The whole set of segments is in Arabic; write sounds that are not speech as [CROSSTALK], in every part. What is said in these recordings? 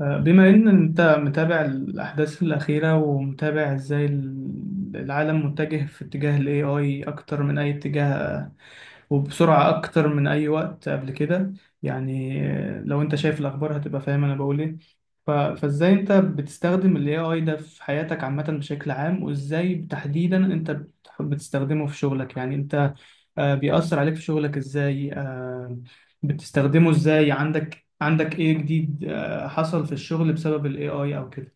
بما إن أنت متابع الأحداث الأخيرة ومتابع إزاي العالم متجه في اتجاه ال AI أكتر من أي اتجاه، وبسرعة أكتر من أي وقت قبل كده. يعني لو أنت شايف الأخبار هتبقى فاهم أنا بقول إيه. فازاي انت بتستخدم ال AI ده في حياتك عامة بشكل عام، وازاي تحديدا انت بتستخدمه في شغلك؟ يعني انت بيأثر عليك في شغلك ازاي؟ بتستخدمه ازاي؟ عندك ايه جديد حصل في الشغل بسبب ال AI او كده؟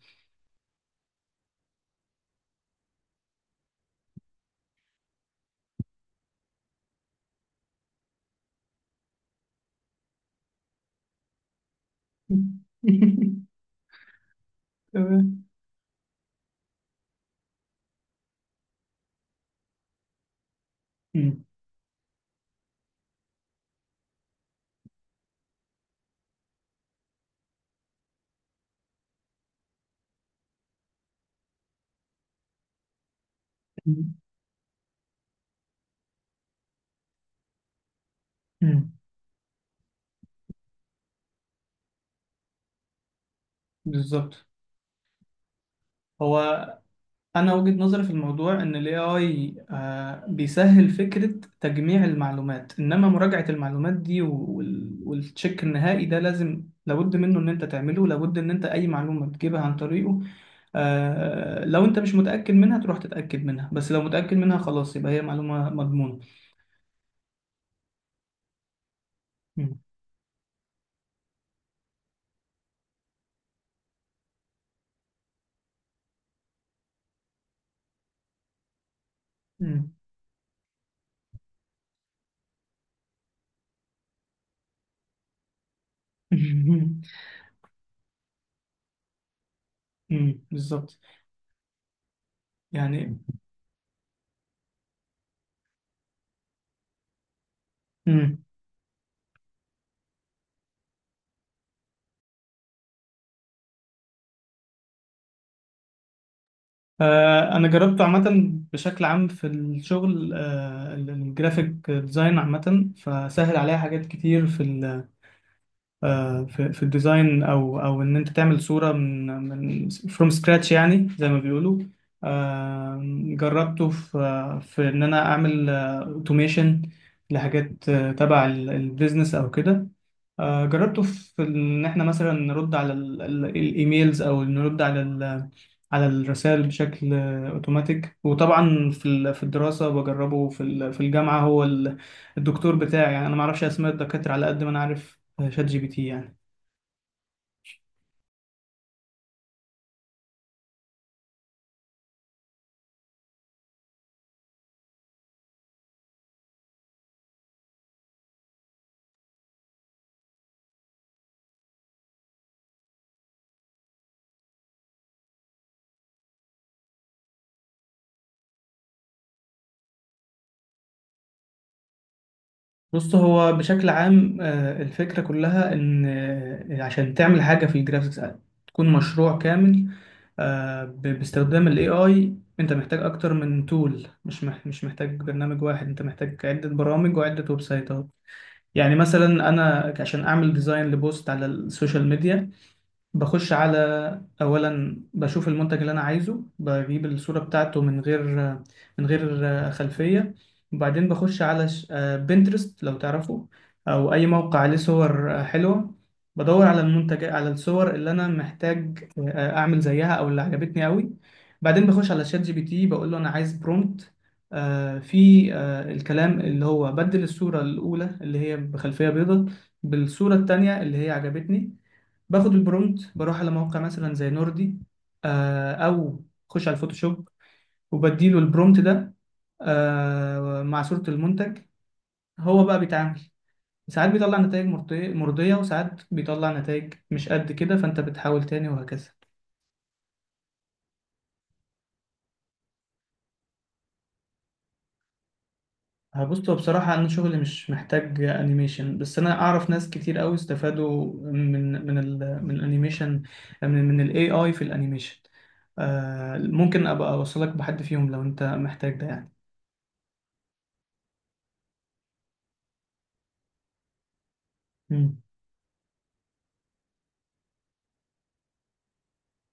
[LAUGHS] تمام. مم. مم. بالظبط. هو انا وجهة نظري في الموضوع ان الاي اي بيسهل فكرة تجميع المعلومات، انما مراجعة المعلومات دي والتشيك النهائي ده لازم لابد منه ان انت تعمله، لابد ان انت اي معلومة بتجيبها عن طريقه لو انت مش متأكد منها تروح تتأكد منها، بس لو متأكد منها خلاص يبقى هي معلومة مضمونة. مم. مم. [LAUGHS] مم. بالظبط. يعني انا جربته عامه بشكل عام في الشغل الجرافيك ديزاين عامه، فسهل عليها حاجات كتير في ال في الديزاين، او ان انت تعمل صوره من فروم سكراتش يعني زي ما بيقولوا. آه، جربته في ان انا اعمل اوتوميشن لحاجات تبع البيزنس او كده. جربته في ان احنا مثلا نرد على الايميلز او نرد على على الرسائل بشكل اوتوماتيك، وطبعا في في الدراسه بجربه في في الجامعه. هو الدكتور بتاعي يعني انا ما اعرفش اسماء الدكاتره على قد ما انا عارف شات جي بي تي يعني. بص، هو بشكل عام الفكرة كلها إن عشان تعمل حاجة في الجرافيكس تكون مشروع كامل، باستخدام ال AI أنت محتاج أكتر من تول، مش محتاج برنامج واحد، أنت محتاج عدة برامج وعدة ويب سايتات. يعني مثلا أنا عشان أعمل ديزاين لبوست على السوشيال ميديا، بخش على، اولا بشوف المنتج اللي انا عايزه بجيب الصورة بتاعته من غير من غير خلفية، وبعدين بخش على بنترست لو تعرفه، او اي موقع عليه صور حلوة، بدور على المنتج على الصور اللي انا محتاج اعمل زيها او اللي عجبتني قوي. بعدين بخش على شات جي بي تي بقول له انا عايز برومبت في الكلام اللي هو بدل الصورة الأولى اللي هي بخلفية بيضاء بالصورة التانية اللي هي عجبتني. باخد البرومت بروح على موقع مثلا زي نوردي او خش على الفوتوشوب، وبديله البرومت ده مع صورة المنتج. هو بقى بيتعامل، ساعات بيطلع نتائج مرضية مرضية، وساعات بيطلع نتائج مش قد كده فانت بتحاول تاني وهكذا. هبص، هو بصراحة أنا شغلي مش محتاج أنيميشن، بس أنا أعرف ناس كتير أوي استفادوا من من الأنيميشن من من ال AI في الأنيميشن. ممكن أبقى أوصلك بحد فيهم لو أنت محتاج ده يعني. مم.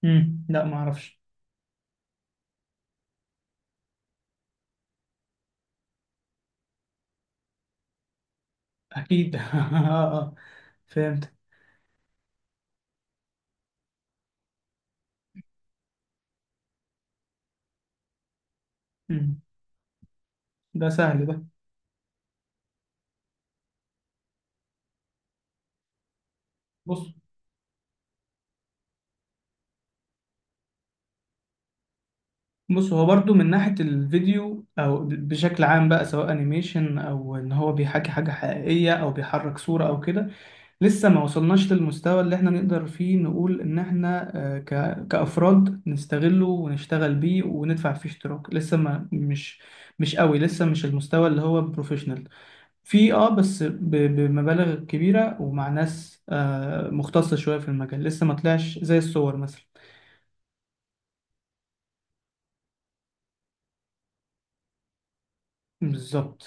امم. لا ما اعرفش. اكيد. [LAUGHS] اه فهمت. امم. ده سهل ده. بص. بص هو برضو من ناحية الفيديو او بشكل عام بقى، سواء انيميشن او ان هو بيحكي حاجة حقيقية او بيحرك صورة او كده، لسه ما وصلناش للمستوى اللي احنا نقدر فيه نقول ان احنا كأفراد نستغله ونشتغل بيه وندفع فيه اشتراك. لسه ما مش قوي، لسه مش المستوى اللي هو بروفيشنال في اه، بس بمبالغ كبيرة ومع ناس آه مختصة شوية في المجال، لسه ما طلعش زي الصور مثلا. بالظبط.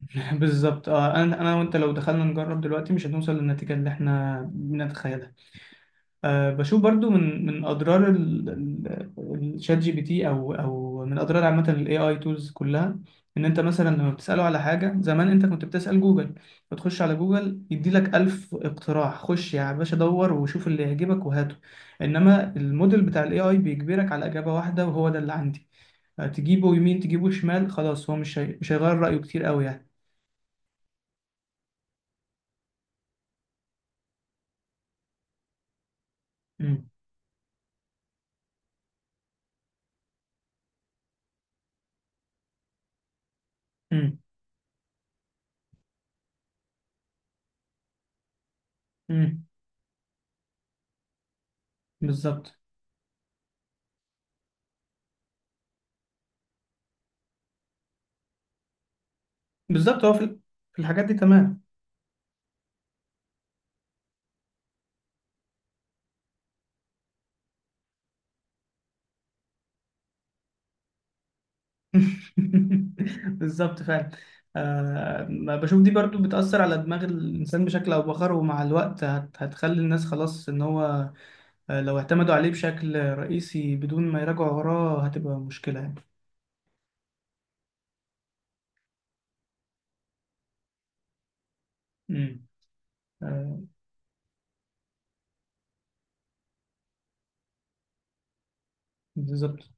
[LAUGHS] بالظبط اه. انا وانت لو دخلنا نجرب دلوقتي مش هنوصل للنتيجة اللي احنا بنتخيلها. أه بشوف برضو من من اضرار الشات جي بي تي او من اضرار عامه الاي اي تولز كلها، ان انت مثلا لما بتساله على حاجه، زمان انت كنت بتسال جوجل، فتخش على جوجل يدي لك 1000 اقتراح، خش يا باشا دور وشوف اللي يعجبك وهاته. انما الموديل بتاع الاي اي بيجبرك على اجابه واحده وهو ده اللي عندي. أه، تجيبه يمين تجيبه شمال خلاص، هو مش هيغير رايه كتير قوي يعني. امم. امم. امم بالظبط. بالظبط. هو في الحاجات دي. تمام. [LAUGHS] بالظبط فعلا. آه بشوف دي برضو بتأثر على دماغ الإنسان بشكل أو بآخر، ومع الوقت هتخلي الناس خلاص إن هو لو اعتمدوا عليه بشكل رئيسي بدون ما يراجعوا وراه هتبقى مشكلة يعني. امم. آه بالظبط.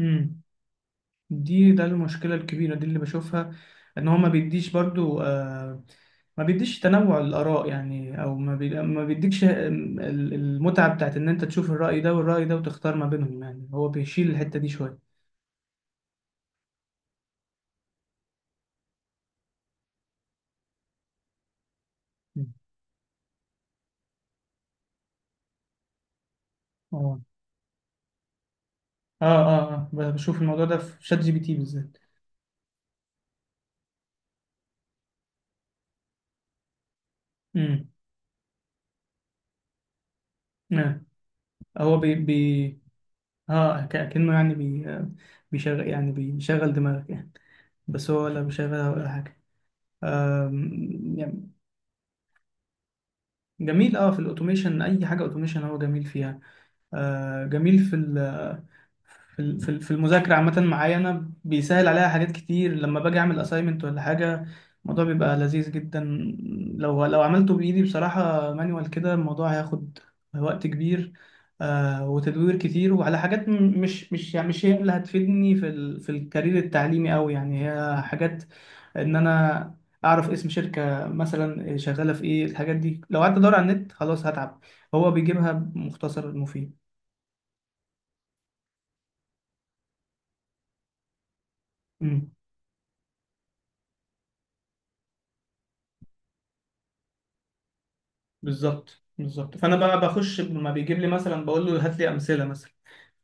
امم. ده المشكلة الكبيرة دي اللي بشوفها، ان هو ما بيديش برضو ما بيديش تنوع الآراء يعني، او ما بيديكش المتعة بتاعت ان انت تشوف الرأي ده والرأي ده وتختار ما بينهم، يعني هو بيشيل الحتة دي شوية. مم. اه اه اه بشوف الموضوع ده في شات جي بي تي بالذات. امم. آه. هو بي بي اه كأنه يعني بي آه، بيشغل، يعني بيشغل دماغك يعني، بس هو لا بيشغلها ولا حاجة. آم، يعني جميل اه في الاوتوميشن، اي حاجه اوتوميشن هو جميل فيها. آه جميل في ال في في المذاكره عامه، معايا انا بيسهل عليها حاجات كتير لما باجي اعمل اساينمنت ولا حاجه، الموضوع بيبقى لذيذ جدا. لو عملته بايدي بصراحه مانوال كده الموضوع هياخد وقت كبير، آه وتدوير كتير وعلى حاجات مش يعني مش هي اللي هتفيدني في ال في الكارير التعليمي قوي، يعني هي حاجات ان انا اعرف اسم شركه مثلا شغاله في ايه. الحاجات دي لو قعدت ادور على النت خلاص هتعب، هو بيجيبها مختصر مفيد. امم. بالظبط بالظبط. فانا بقى بخش لما بيجيب لي مثلا بقول له هات لي امثله مثلا،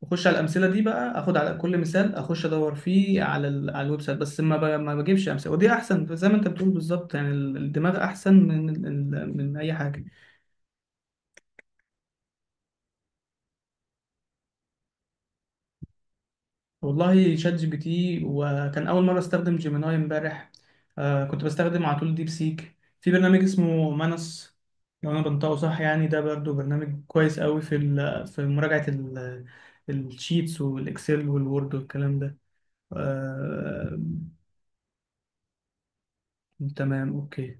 بخش على الامثله دي بقى اخد على كل مثال اخش ادور فيه على على الويب سايت، بس ما بجيبش امثله، ودي احسن زي ما انت بتقول بالظبط. يعني الدماغ احسن من من اي حاجه. والله شات جي بي تي. وكان أول مرة أستخدم جيميناي امبارح. آه كنت بستخدم على طول ديب سيك. في برنامج اسمه مانس لو أنا بنطقه صح يعني، ده برضو برنامج كويس قوي في في مراجعة الشيتس والإكسل والوورد والكلام ده. آه تمام أوكي.